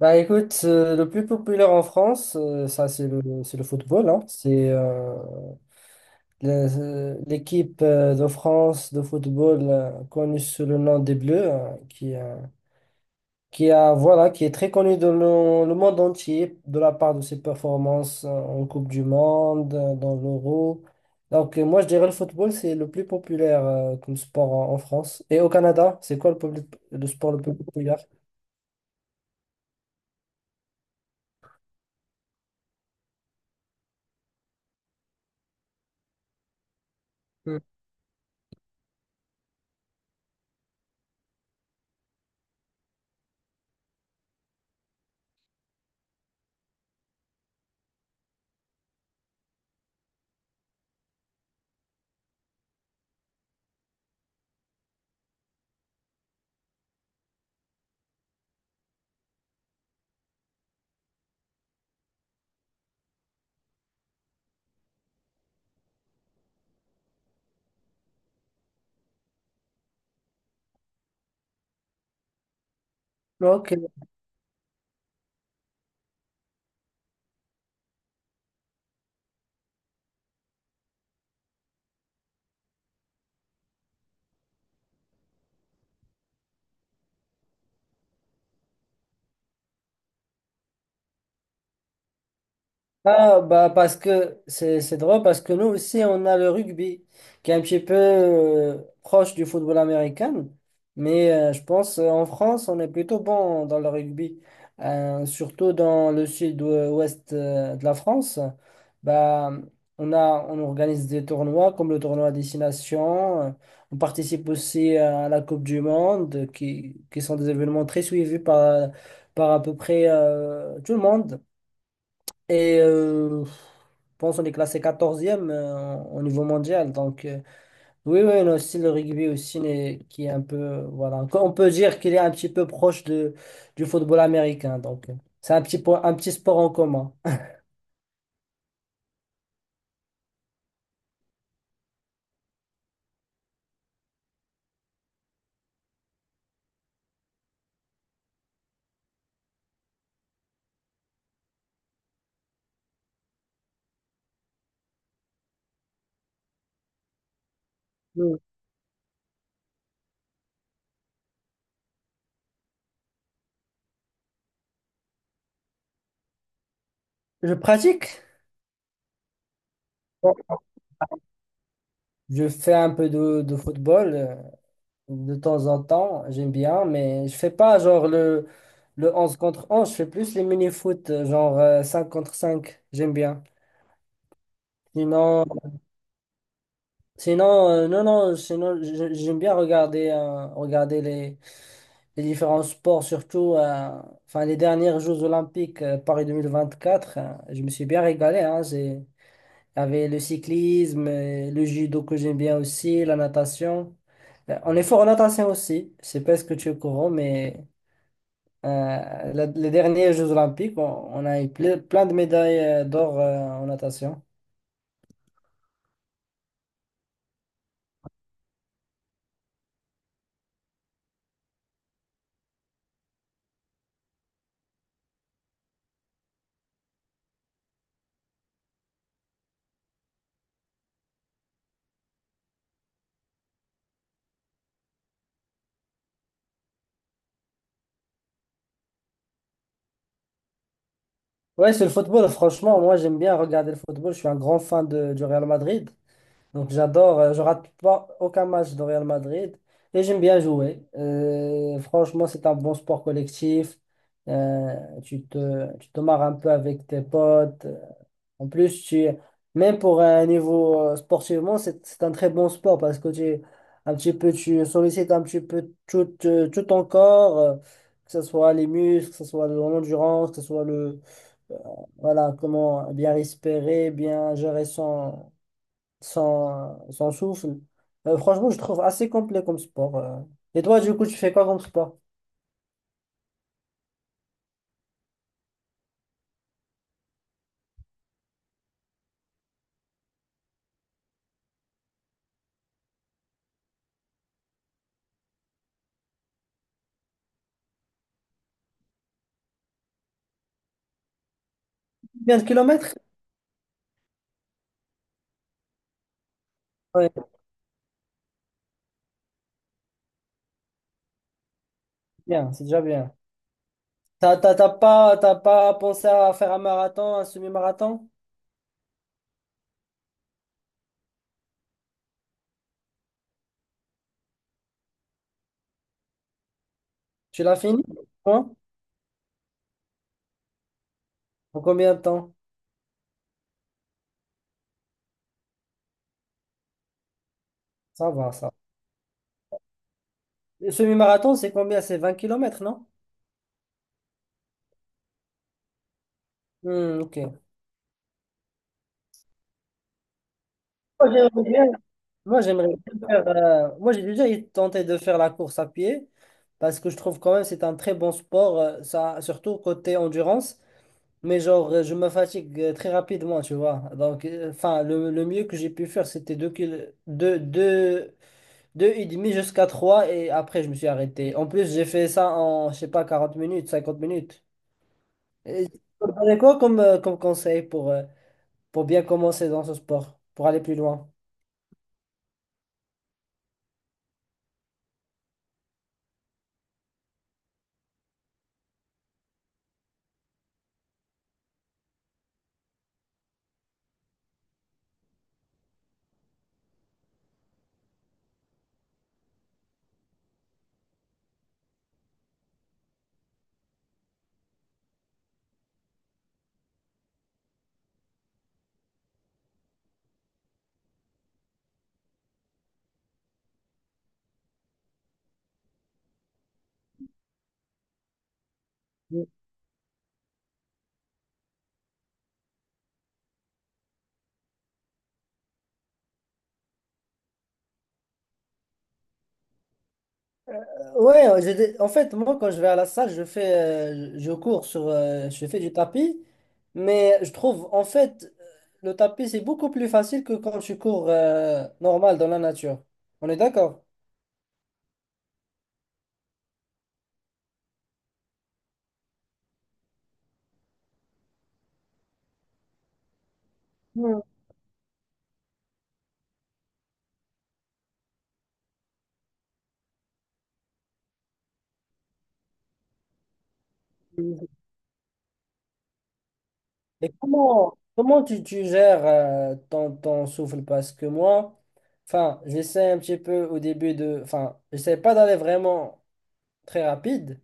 Bah écoute, le plus populaire en France, c'est le football, c'est l'équipe de France de football, connue sous le nom des Bleus, qui a, voilà, qui est très connue dans le monde entier de la part de ses performances en Coupe du Monde, dans l'Euro. Moi, je dirais le football, c'est le plus populaire comme sport en France. Et au Canada, c'est quoi le sport le plus populaire? Hmm. Ok. Ah, bah, parce que c'est drôle, parce que nous aussi, on a le rugby, qui est un petit peu proche du football américain. Mais je pense en France, on est plutôt bon dans le rugby, surtout dans le sud-ouest de la France. Bah, on organise des tournois comme le tournoi à destination. On participe aussi à la Coupe du Monde, qui sont des événements très suivis par à peu près tout le monde. Et je pense qu'on est classé 14e au niveau mondial. Donc, oui, oui, on a aussi le rugby aussi, mais qui est un peu, voilà. On peut dire qu'il est un petit peu proche du football américain. Donc, c'est un petit sport en commun. Mm. Je pratique. Bon, je fais un peu de football de temps en temps. J'aime bien, mais je fais pas genre le 11 contre 11. Je fais plus les mini-foot, 5 contre cinq. J'aime bien. Sinon, Sinon, non, non, sinon, j'aime bien regarder, regarder les différents sports, surtout enfin, les dernières Jeux Olympiques Paris 2024. Je me suis bien régalé. Hein, il y avait le cyclisme, le judo que j'aime bien aussi, la natation. On est fort en natation aussi. Je sais pas ce que tu es au courant, mais euh, les derniers Jeux Olympiques, on a eu plein de médailles d'or en natation. Ouais, c'est le football. Franchement, moi, j'aime bien regarder le football. Je suis un grand fan du Real Madrid. Donc, j'adore. Je rate pas aucun match de Real Madrid. Et j'aime bien jouer. Franchement, c'est un bon sport collectif. Tu te marres un peu avec tes potes. En plus, même pour un niveau sportivement, c'est un très bon sport parce que un petit peu, tu sollicites un petit peu tout, tout ton corps, que ce soit les muscles, que ce soit l'endurance, que ce soit euh, voilà, comment bien respirer, bien gérer son souffle. Franchement, je trouve assez complet comme sport. Et toi, du coup, tu fais quoi comme sport? Bien de kilomètres? Ouais, c'est bien, c'est déjà bien. T'as pas pensé à faire un marathon, un semi-marathon? Tu l'as fini? Hein. En combien de temps? Ça va, ça. Le semi-marathon, c'est combien? C'est 20 kilomètres, non? Hmm, ok. Moi, j'aimerais bien moi, j'aimerais bien faire, j'ai déjà tenté de faire la course à pied parce que je trouve quand même c'est un très bon sport, ça, surtout côté endurance. Mais genre, je me fatigue très rapidement, tu vois. Donc, enfin, le mieux que j'ai pu faire, c'était 2 kil deux deux- deux et demi jusqu'à trois, et après, je me suis arrêté. En plus, j'ai fait ça je sais pas, 40 minutes, 50 minutes. Tu me donnerais quoi comme conseil pour bien commencer dans ce sport, pour aller plus loin? Euh, Ouais, en fait, moi, quand je vais à la salle, je cours je fais du tapis, mais je trouve, en fait, le tapis, c'est beaucoup plus facile que quand tu cours, normal dans la nature. On est d'accord? Hmm. Et comment tu gères ton souffle? Parce que moi, enfin, j'essaie un petit peu au début j'essaie pas d'aller vraiment. Très rapide,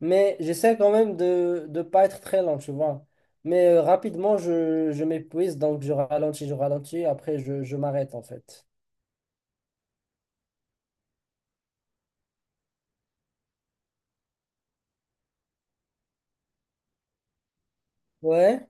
mais j'essaie quand même de ne pas être très lent, tu vois. Mais rapidement, je m'épuise, donc je ralentis, après je m'arrête en fait. Ouais,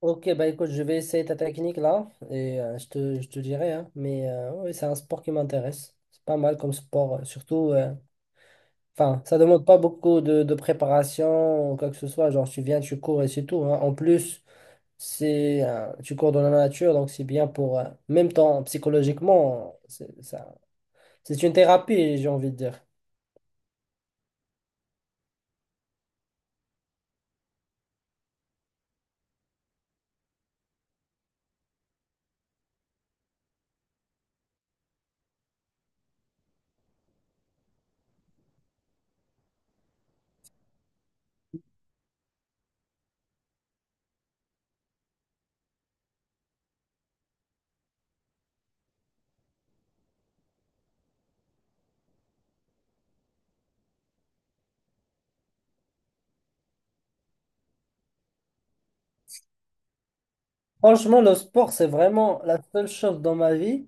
ok, bah écoute, je vais essayer ta technique là, et je te dirai, hein. Mais oui, c'est un sport qui m'intéresse. C'est pas mal comme sport, enfin, ça demande pas beaucoup de préparation ou quoi que ce soit, genre tu viens, tu cours et c'est tout, hein. En plus, tu cours dans la nature, donc c'est bien même temps psychologiquement, c'est ça, c'est une thérapie, j'ai envie de dire. Franchement, le sport, c'est vraiment la seule chose dans ma vie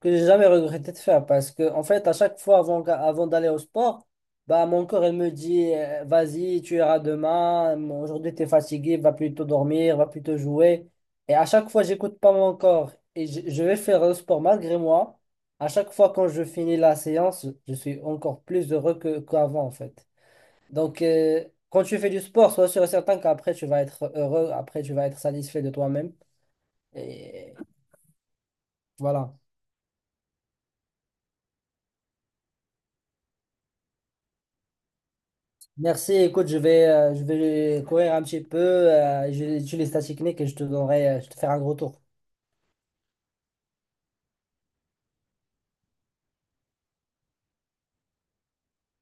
que j'ai jamais regretté de faire, parce que en fait à chaque fois avant d'aller au sport, bah mon corps il me dit, vas-y, tu iras demain, bon, aujourd'hui tu es fatigué, va plutôt dormir, va plutôt jouer, et à chaque fois j'écoute pas mon corps, et je vais faire le sport malgré moi, à chaque fois quand je finis la séance je suis encore plus heureux qu'avant en fait. donc euh, Quand tu fais du sport, sois sûr et certain qu'après tu vas être heureux, après tu vas être satisfait de toi-même, et voilà. Merci. Écoute, je vais courir un petit peu, je vais étudier les stats techniques et je te ferai un gros tour.